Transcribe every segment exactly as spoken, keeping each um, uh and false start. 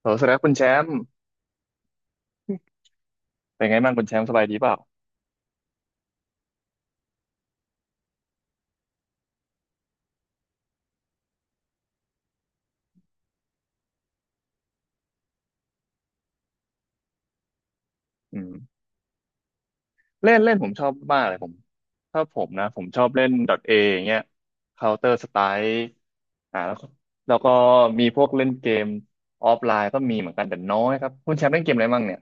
โหสวัสดีครับคุณแชมป์เป็นไงบ้างคุณแชมป์สบายดีเปล่าอืมเล่นเล่นผมชอบมากเลยผมถ้าผมนะผมชอบเล่น .A อย่างเงี้ย Counter Strike อ่าแล้วก็แล้วก็มีพวกเล่นเกมออฟไลน์ก็มีเหมือนกันแต่น้อยครับคุณแชมป์เล่นเกมอะไรบ้างเนี่ย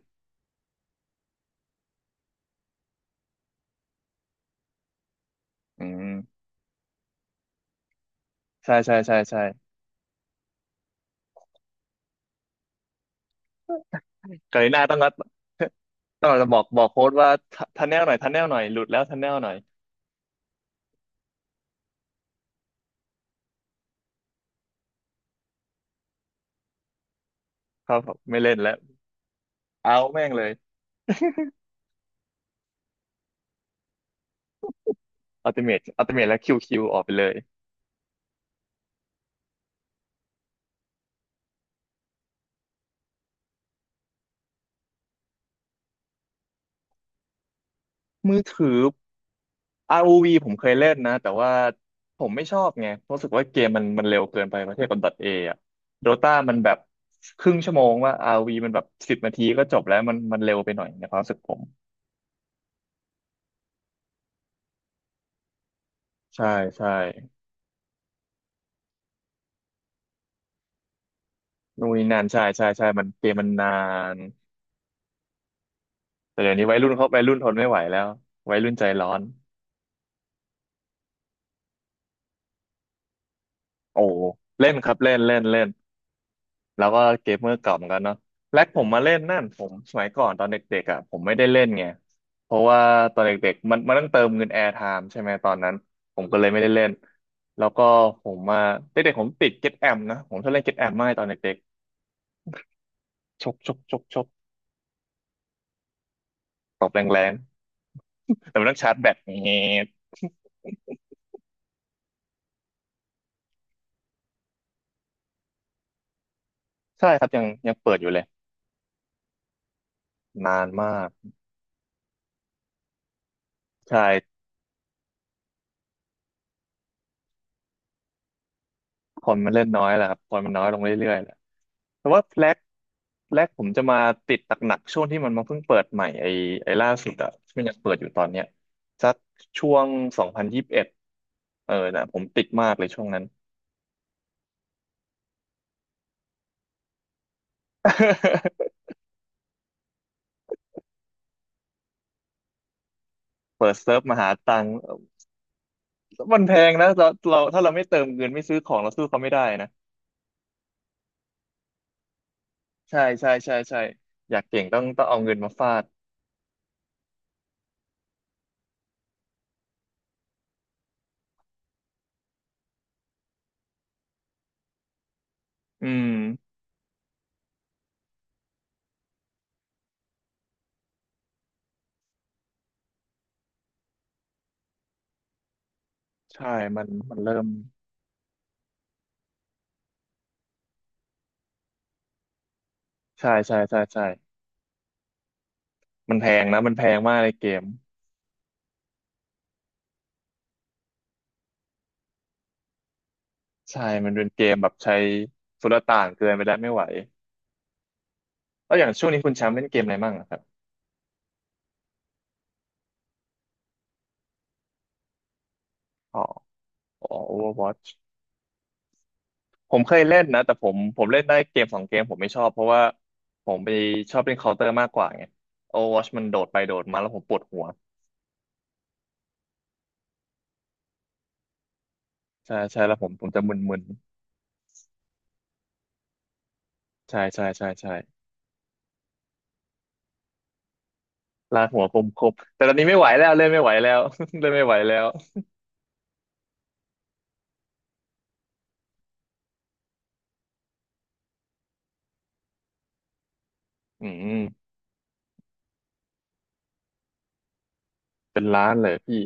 อืมใช่ใช่ใช่ใช่กรีน่าต้องรัด ต้องจะบอกบอกโค้ดว่าทันแนลหน่อยทันแนลหน่อยหลุดแล้วทันแนลหน่อยครับผมไม่เล่นแล้วเอาแม่งเลย อัลติเมทอัลติเมทแล้วคิวคิวออกไปเลยมือถือ r u v ผมเคยเล่นนะแต่ว่าผมไม่ชอบไงเพราะรู้สึกว่าเกมมันมันเร็วเกินไปประเทศกับ .A อะโดต้ามันแบบครึ่งชั่วโมงว่า r u v มันแบบสิบนาทีก็จบแล้วมันมันเร็วไปหน่อยในความรู้สึกผมใช่ใช่นู่นนี่นั่นใช่ใช่ใช่มันเกมมันนานแต่เดี๋ยวนี้วัยรุ่นเขาวัยรุ่นทนไม่ไหวแล้ววัยรุ่นใจร้อนโอ้เล่นครับเล่นเล่นเล่น แล้วก็เกมเมอร์เก่าเหมือนกันเนาะแล็กผมมาเล่นนั่นผมสมัยก่อนตอนเด็กๆอ่ะผมไม่ได้เล่นไงเพราะว่าตอนเด็กๆมันมันต้องเติมเงินแอร์ไทม์ใช่ไหมตอนนั้นผมก็เลยไม่ได้เล่นแล้วก็ผมมาเด็กๆผมติดเก็ตแอมนะผมชอบเล่นเก็ตแอมมากตอนเด็กๆชกชกชกชกตบแรงๆแต่มันต้องชาร์จแบตเงี้ยใช่ครับยังยังเปิดอยู่เลยนานมากใช่ คนมันเล่นน้อยแหละครับคนมันน้อยลงเรื่อยๆแหละแต่ว่าแรกแรกผมจะมาติดหนักๆช่วงที่มันมาเพิ่งเปิดใหม่ไอ้ไอ้ล่าสุดอะที่มันยังเปิดอยู่ตอนเนี้ยสักช่วงสองพันยี่สิบเอ็ดเออนะผมติดมากเลยช่วงนั้น เปิดเซิร์ฟมาหาตังค์มันแพงนะเราเราถ้าเราไม่เติมเงินไม่ซื้อของเราสู้เขาไม่ได้นะใช่ใช่ใช่ใช่อยากเก่งต้องต้องเอาเงินมาฟาดอืมใช่มันมันเริ่มใช่ใช่ใช่ใช่มันแพงนะมันแพงมากในเกม ใช่มันเป็นเกมแบบใช้สุลต่านเกินไปแล้วไม่ไหวแล้วอย่างช่วงนี้คุณแชมป์เล่นเกมอะไรบ้างอะครับอ๋ออ๋อ Overwatch ผมเคยเล่นนะแต่ผมผมเล่นได้เกมสองเกมผมไม่ชอบ เพราะว่าผมไปชอบเล่น Counter มากกว่าไง Overwatch มันโดดไปโดดมาแล้วผมปวดหัว ใช่ใช่แล้วผมผมจะมึนๆใช่ใช่ใช่ใช่ลากหัวคมคมแต่ตอนนี้ไม่ไหวแล้วเล่นไม่ไหวแล้ว เล่นไม่ไหวแล้วอืมเป็นล้านเลยพี่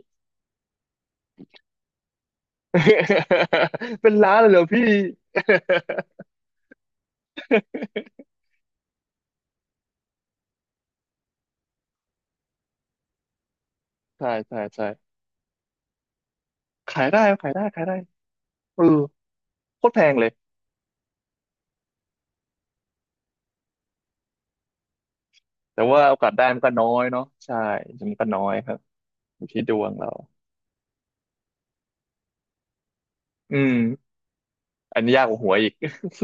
เป็นล้านเลยเหรอพี่ ใช่ใช่ใช่ ขายได้ขายได้ขายได้เออโคตรแพงเลยแต่ว่าโอกาสได้มันก็น้อยเนาะใช่มันก็น้อยครับอยู่ที่ดวงเราอืมอันนี้ยากกว่าหวยอีก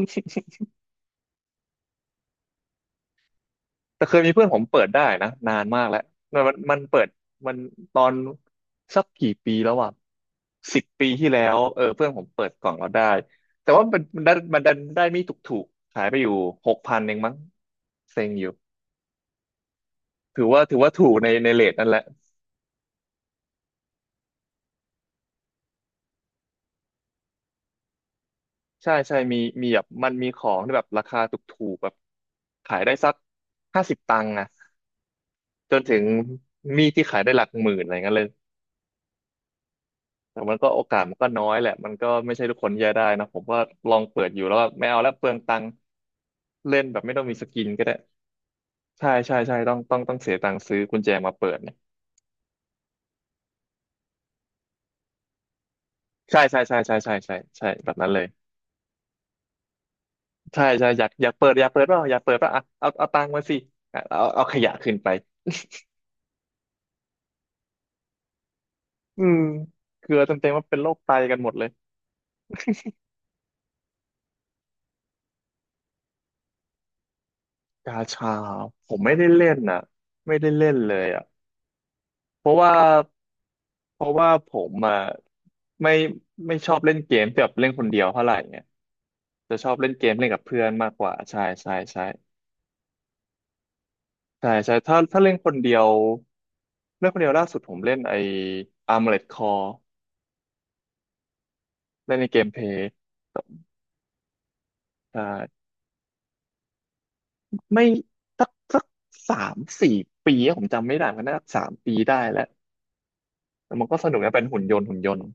แต่เคยมีเพื่อนผมเปิดได้นะนานมากแล้วมันมันมันเปิดมันตอนสักกี่ปีแล้วอ่ะสิบปีที่แล้วเออเพื่อนผมเปิดกล่องเราได้แต่ว่ามันมันได้มันดันได้ไม่ถูกถูกขายไปอยู่หกพันเองมั้งเซ็งอยู่ถือว่าถือว่าถูกในในเรทนั่นแหละ ใช่ใช่มีมีแบบมันมีของที่แบบราคาถูกๆแบบขายได้สักห้าสิบตังค์อะจนถึงมีดที่ขายได้หลักหมื่นอะไรเงี้ยเลยแต่มันก็โอกาสมันก็น้อยแหละมันก็ไม่ใช่ทุกคนจะได้นะผมก็ลองเปิดอยู่แล้วก็ไม่เอาแล้วเปลืองตังค์เล่นแบบไม่ต้องมีสกินก็ได้ใช่ใช่ใช่ต้องต้องต้องเสียตังค์ซื้อกุญแจมาเปิดเนี่ยใช่ใช่ใช่ใช่ใช่ใช่ใช่แบบนั้นเลยใช่ใช่อยากอยากเปิดอยากเปิดเปล่าอยากเปิดเปล่าอ่ะเอาเอาตังค์มาสิอ่ะเอาเอาขยะขึ้นไปอืมเกลือเต็มๆว่าเป็นโรคไตกันหมดเลย กาชาผมไม่ได้เล่นน่ะไม่ได้เล่นเลยอ่ะเพราะว่าเพราะว่าผมอ่ะไม่ไม่ชอบเล่นเกมแบบเล่นคนเดียวเท่าไหร่เนี่ยจะชอบเล่นเกมเล่นกับเพื่อนมากกว่าใช่ใช่ใช่ใช่ใช่ถ้าถ้าเล่นคนเดียวเล่นคนเดียวล่าสุดผมเล่นไอ้ Armored Core เล่นในเกมเพลย์ใช่ไม่สักสักสามสี่ปีอะผมจำไม่ได้มันน่าจะสามปีได้แล้วแต่มันก็สนุกนะเป็นหุ่นยนต์หุ่นยนต์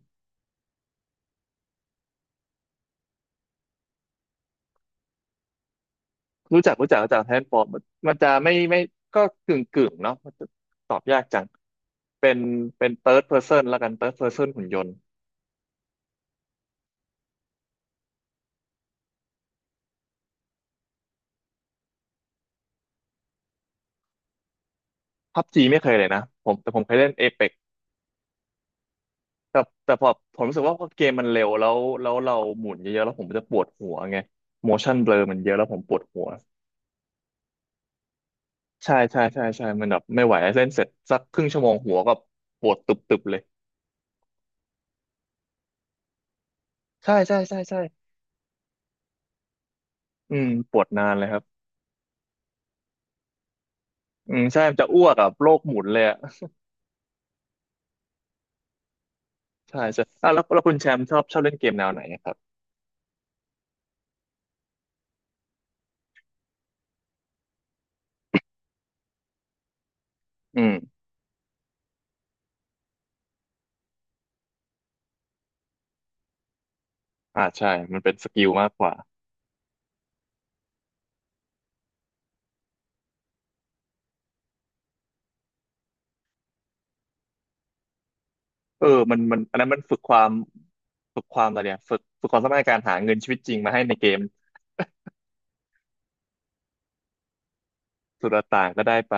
รู้จักรู้จักรู้จักแฮนด์ฟอร์มมันจะไม่ไม่ก็กึ่งกึ่งเนาะมันจะตอบยากจังเป็นเป็นเ h ิร์ดเพ s o เแนละกันเ h ิร์ดเพ s o เ n นหุ่นยนต์พับจีไม่เคยเลยนะผมแต่ผมเคยเล่นเอ e ปกแต่แต่พอผมรู้สึกว่าพอเกมมันเร็วแล้วแล้วเราหมุนเยอะๆแล้วผมจะปวดหัวไง motion blur มันเยอะแล้วผมปวดหัวใช่ใช่ใช่ใช่มันแบบไม่ไหวเล่นเสร็จสักครึ่งชั่วโมงหัวก็ปวดตุบๆเลยใช่ใช่ใช่ใช่อืมปวดนานเลยครับอืมใช่มันจะอ้วกกับโรคหมุนเลยอะ ใช่ใช่อ่ะแล้วแล้วคุณแชมป์ชอบชอบเล่นเกมแนวไหนอะครับอืมอ่าใช่ มันเป็นสกิลมากกว่าเออมันมันอันนั้นมันฝึกความฝึกความอะไรเนี่ยฝึกฝึกความสามารถในการหาเงินชีวิตจริงมาให้ในเกมสุดต่างก็ได้ไป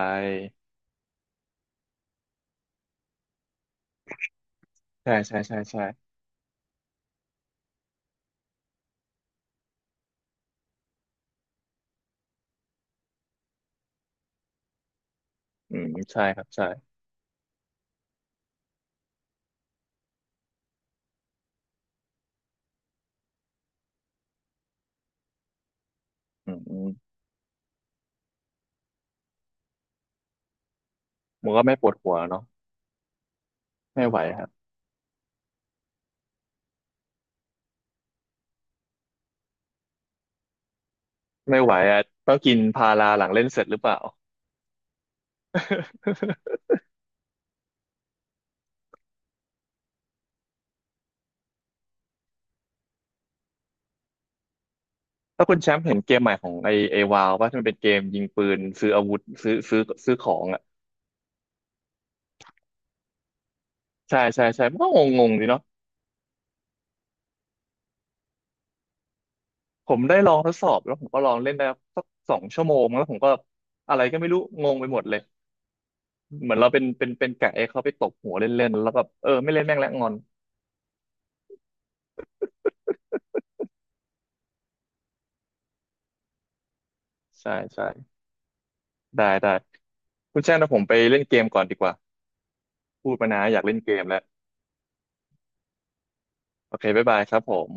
ใช่ใช่ใช่ใช่อืมใช่ครับใช่อืมอืมมันก็ไม่ปวดหัวเนาะไม่ไหวครับ ไม่ไหวอ่ะต้องกินพาราหลังเล่นเสร็จหรือเปล่า ถ้า คุณแชมป์เห็นเกมใหม่ของไอไอวาวว่ามันเป็นเกมยิงปืนซื้ออาวุธซื้อซื้อซื้อของอ่ะใช่ใช่ใช่มันก็งงๆดีเนาะ ผมได้ลองทดสอบแล้วผมก็ลองเล่นได้สักสองชั่วโมงแล้วผมก็อะไรก็ไม่รู้งงไปหมดเลยเหมือนเราเป็นเป็นเป็นไก่ให้เขาไปตบหัวเล่นๆแล้วแบบเออไม่เล่นแม่งแล้วงอนใช่ใช่ได้ได้คุณแจ้งนะผมไปเล่นเกมก่อนดีกว่าพูดมานะอยากเล่นเกมแล้วโอเคบ๊ายบายครับผม